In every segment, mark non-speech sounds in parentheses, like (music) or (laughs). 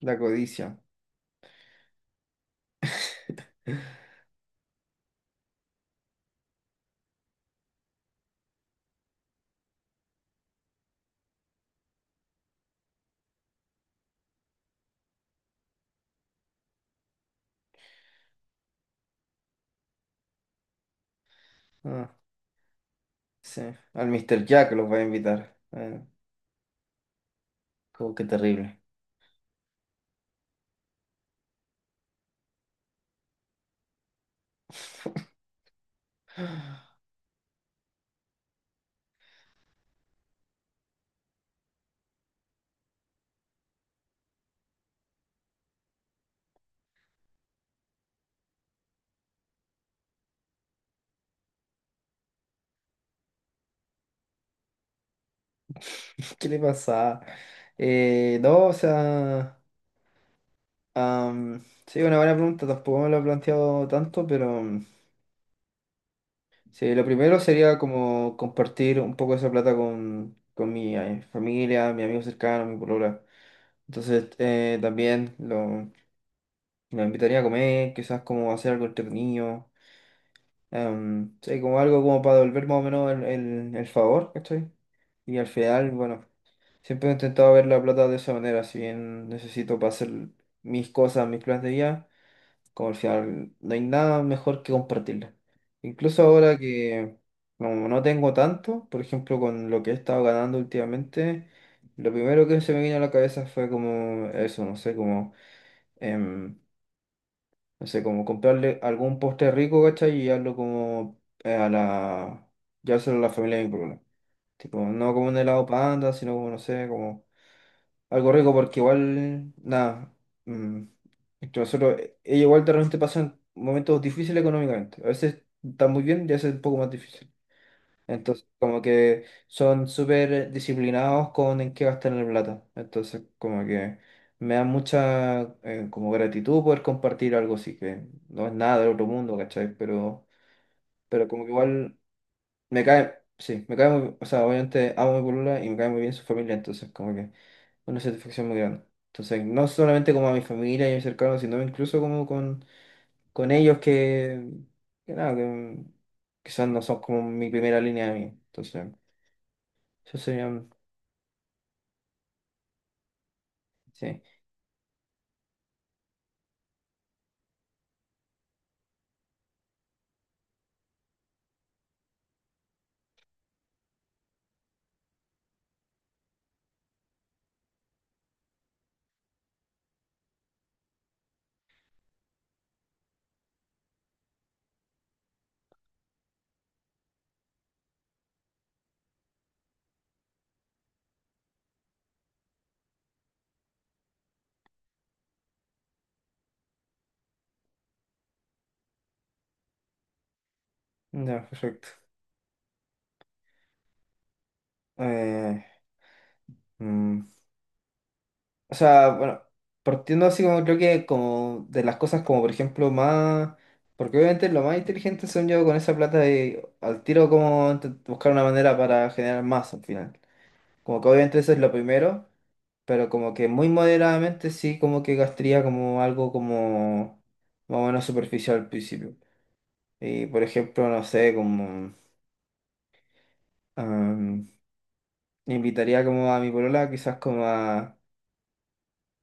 La codicia. (laughs) Ah, sí. Al Mr. Jack los va a invitar. Ah, como que terrible. (laughs) ¿Qué le pasa? No, o sea, sí, una buena pregunta, tampoco me lo he planteado tanto, pero mm, sí, lo primero sería como compartir un poco esa plata con, con mi familia, mi amigo cercano, mi polola. Entonces, también lo invitaría a comer, quizás como hacer algo entretenido. Sí, como algo como para devolver más o menos el favor, ¿cachai? Y al final, bueno, siempre he intentado ver la plata de esa manera, si bien necesito para hacer mis cosas, mis planes de vida, como al final no hay nada mejor que compartirla. Incluso ahora que como no tengo tanto, por ejemplo, con lo que he estado ganando últimamente, lo primero que se me vino a la cabeza fue como eso, no sé, como em, no sé, como comprarle algún postre rico, ¿cachai? Y darlo como a la... Llevárselo a la familia de mi problema. Tipo, no como un helado panda, sino como, no sé, como algo rico, porque igual, nada. mm, Entre nosotros, ella igual de repente pasan momentos difíciles económicamente. A veces está muy bien y a veces un poco más difícil. Entonces, como que son súper disciplinados con en qué gastar la plata. Entonces, como que me da mucha como gratitud poder compartir algo así, que no es nada del otro mundo, ¿cachai? Pero como que igual me cae, sí, me cae muy, o sea, obviamente amo a mi polola y me cae muy bien su familia, entonces como que una satisfacción muy grande. Entonces, no solamente como a mi familia y a mis cercanos, sino incluso como con ellos que nada, que quizás no son como mi primera línea de mí. Entonces... Eso sería un- Sí, ya, perfecto. Eh, mm, o sea, bueno, partiendo así como creo que como de las cosas como por ejemplo más... Porque obviamente lo más inteligente son yo con esa plata de al tiro como buscar una manera para generar más al final. Como que obviamente eso es lo primero, pero como que muy moderadamente sí como que gastaría como algo como más o menos superficial al principio. Y por ejemplo, no sé, como... am, invitaría como a mi polola quizás como a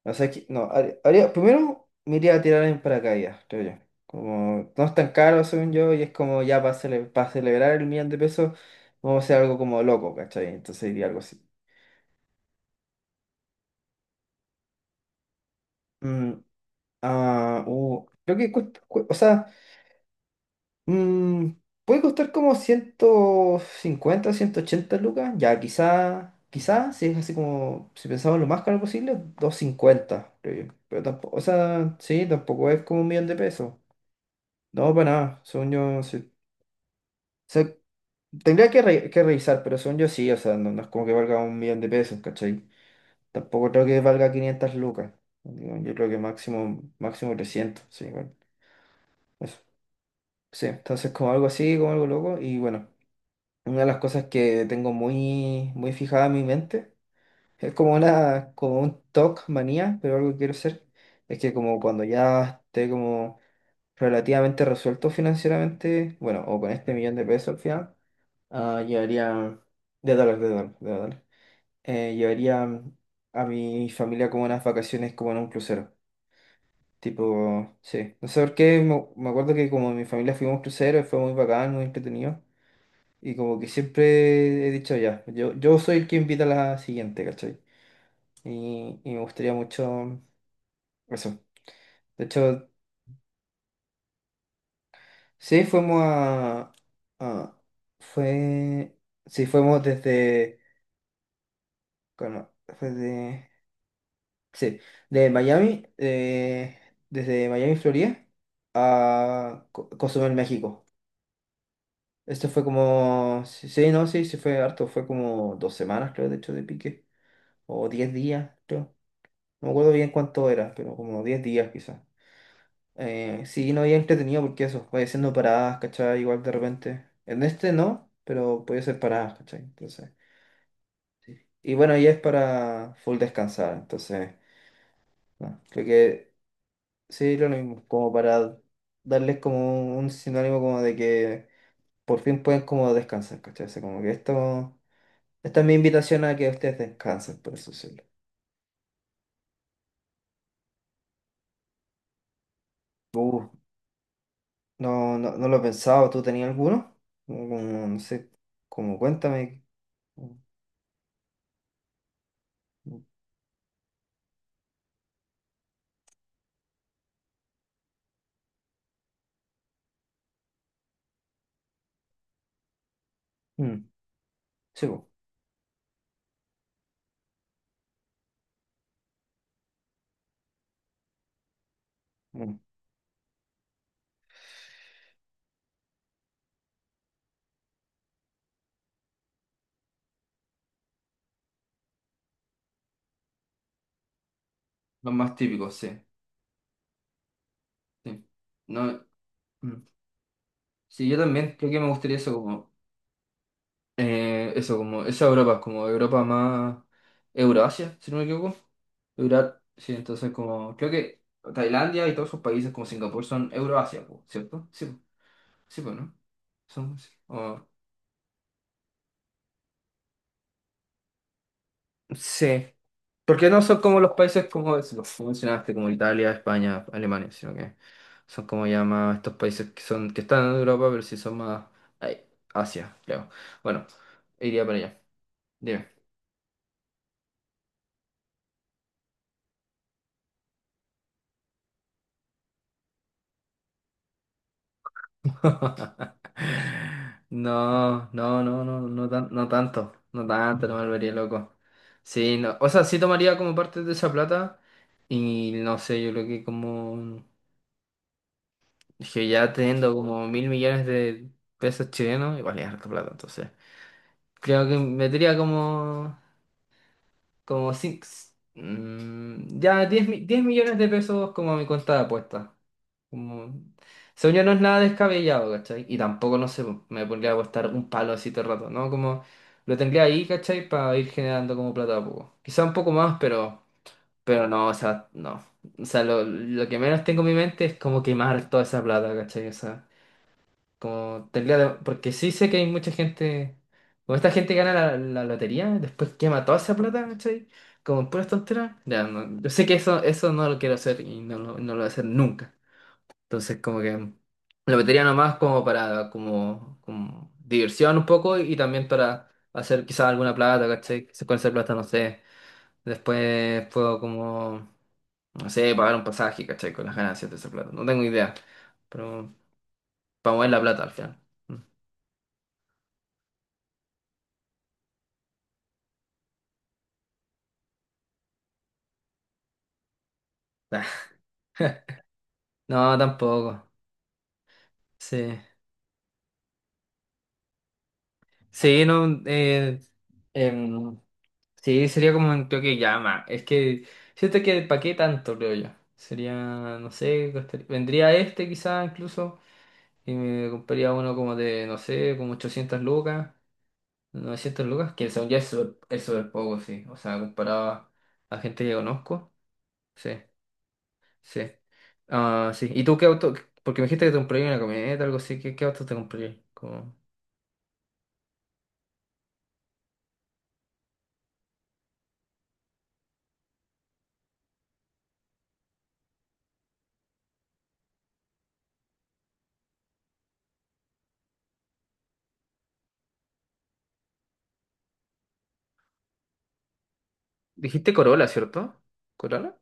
O sea, que, no, primero me iría a tirar en paracaídas, creo yo. Como no es tan caro, según yo, y es como ya para celebrar el millón de pesos, vamos a hacer algo como loco, ¿cachai? Entonces iría algo así. Mm, Creo que cuesta, o sea, mm, puede costar como 150 180 lucas, ya quizá, quizá, si es así como, si pensamos lo más caro posible, 250 creo yo. Pero tampoco, o sea, sí, tampoco es como un millón de pesos. No, para nada, según yo, sí. O sea, tendría que, que revisar, pero son yo sí, o sea, no es como que valga un millón de pesos, ¿cachai? Tampoco creo que valga 500 lucas. Digo, yo creo que máximo, máximo 300 sí, bueno, eso. Sí, entonces como algo así, como algo loco, y bueno, una de las cosas que tengo muy, muy fijada en mi mente, es como una, como un TOC manía, pero algo que quiero hacer, es que como cuando ya esté como relativamente resuelto financieramente, bueno, o con este millón de pesos al final. Ah, llevaría, de dólar, de dólar, de dólar. Llevaría a mi familia como unas vacaciones como en un crucero. Tipo, sí. No sé por qué, me acuerdo que como mi familia fuimos a un crucero, y fue muy bacán, muy entretenido. Y como que siempre he dicho ya, yo soy el que invita a la siguiente, ¿cachai? Y me gustaría mucho eso. De hecho, sí, fuimos a- fue... Sí, fuimos desde... bueno, desde Sí, de Miami, desde Miami, Florida, a Cozumel, México. Esto fue como, sí, sí, no, sí, sí fue harto, fue como 2 semanas, creo, de hecho, de pique, o 10 días, creo. No me acuerdo bien cuánto era, pero como 10 días quizás. Sí, no había entretenido porque eso, voy haciendo paradas, ¿cachai? Igual de repente. En este no, pero podía hacer paradas, ¿cachai? Entonces. Y bueno, ahí es para full descansar, entonces, no, creo que sí, lo mismo, como para darles como un sinónimo como de que por fin pueden como descansar, ¿cachai? O sea, como que esto, esta es mi invitación a que ustedes descansen, por eso decirlo. Uh, no, no, no lo he pensado. ¿Tú tenías alguno? Como, no sé, como cuéntame. Mm, sí, po, mm. Los más típicos, sí. Sí. No, mm. Sí, yo también creo que me gustaría eso, como, esa Europa, como Europa más Euroasia, si no me equivoco. Sí, entonces como, creo que Tailandia y todos esos países como Singapur son Euroasia, po, ¿cierto? Sí, po. Sí, pues, ¿no? Son, sí. Sí. Porque no son como los países como los que mencionaste, como Italia, España, Alemania, sino que son como ya más estos países que son, que están en Europa, pero sí son más ay, Asia, creo. Bueno, iría para allá. Dime. (laughs) No, no, no, no, no, no tanto, no tanto, no me volvería loco. Sí, no, o sea, sí tomaría como parte de esa plata y no sé, yo creo que como que ya teniendo como mil millones de pesos chilenos, igual es harta plata, entonces. Creo que metería como cinco, ya 10 millones de pesos como a mi cuenta de apuestas. Como... Según yo no es nada descabellado, ¿cachai? Y tampoco, no sé, pues, me pondría a costar un palo así todo el rato, ¿no? Como lo tendría ahí, ¿cachai? Para ir generando como plata a poco. Quizá un poco más, pero no, o sea, no. O sea, lo que menos tengo en mi mente es como quemar toda esa plata, ¿cachai? O sea, como tendría... Porque sí sé que hay mucha gente... Como esta gente que gana la lotería, después quema toda esa plata, ¿cachai? Como en puras tonteras. Ya, no, yo sé que eso no lo quiero hacer y no lo voy a hacer nunca. Entonces, como que lo metería nomás como para como diversión un poco y también para hacer quizás alguna plata, ¿cachai? Si con esa plata, no sé. Después puedo como, no sé, pagar un pasaje, ¿cachai? Con las ganancias de esa plata. No tengo idea. Pero para mover la plata al final. Mm. (laughs) No, tampoco. Sí. Sí, no. Em, Sí, sería como un toque llama. Es que siento que para qué tanto, creo yo. Sería, no sé, vendría este quizás incluso y me compraría uno como de, no sé, como 800 lucas, 900 lucas, que son ya es súper poco, sí. O sea, comparado a gente que conozco. Sí, sí. Ah, sí. ¿Y tú qué auto? Porque me dijiste que te compraría una camioneta, algo así. ¿Qué auto te compraría? Como... Dijiste Corolla, ¿cierto? ¿Corolla?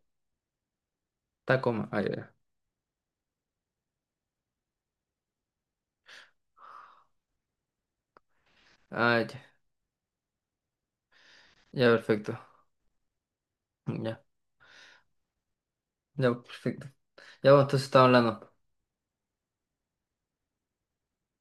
Tacoma. Ah, ya. Ya. Ah, ya. Ya, perfecto. Ya. Ya, perfecto. Ya, bueno, entonces estamos hablando.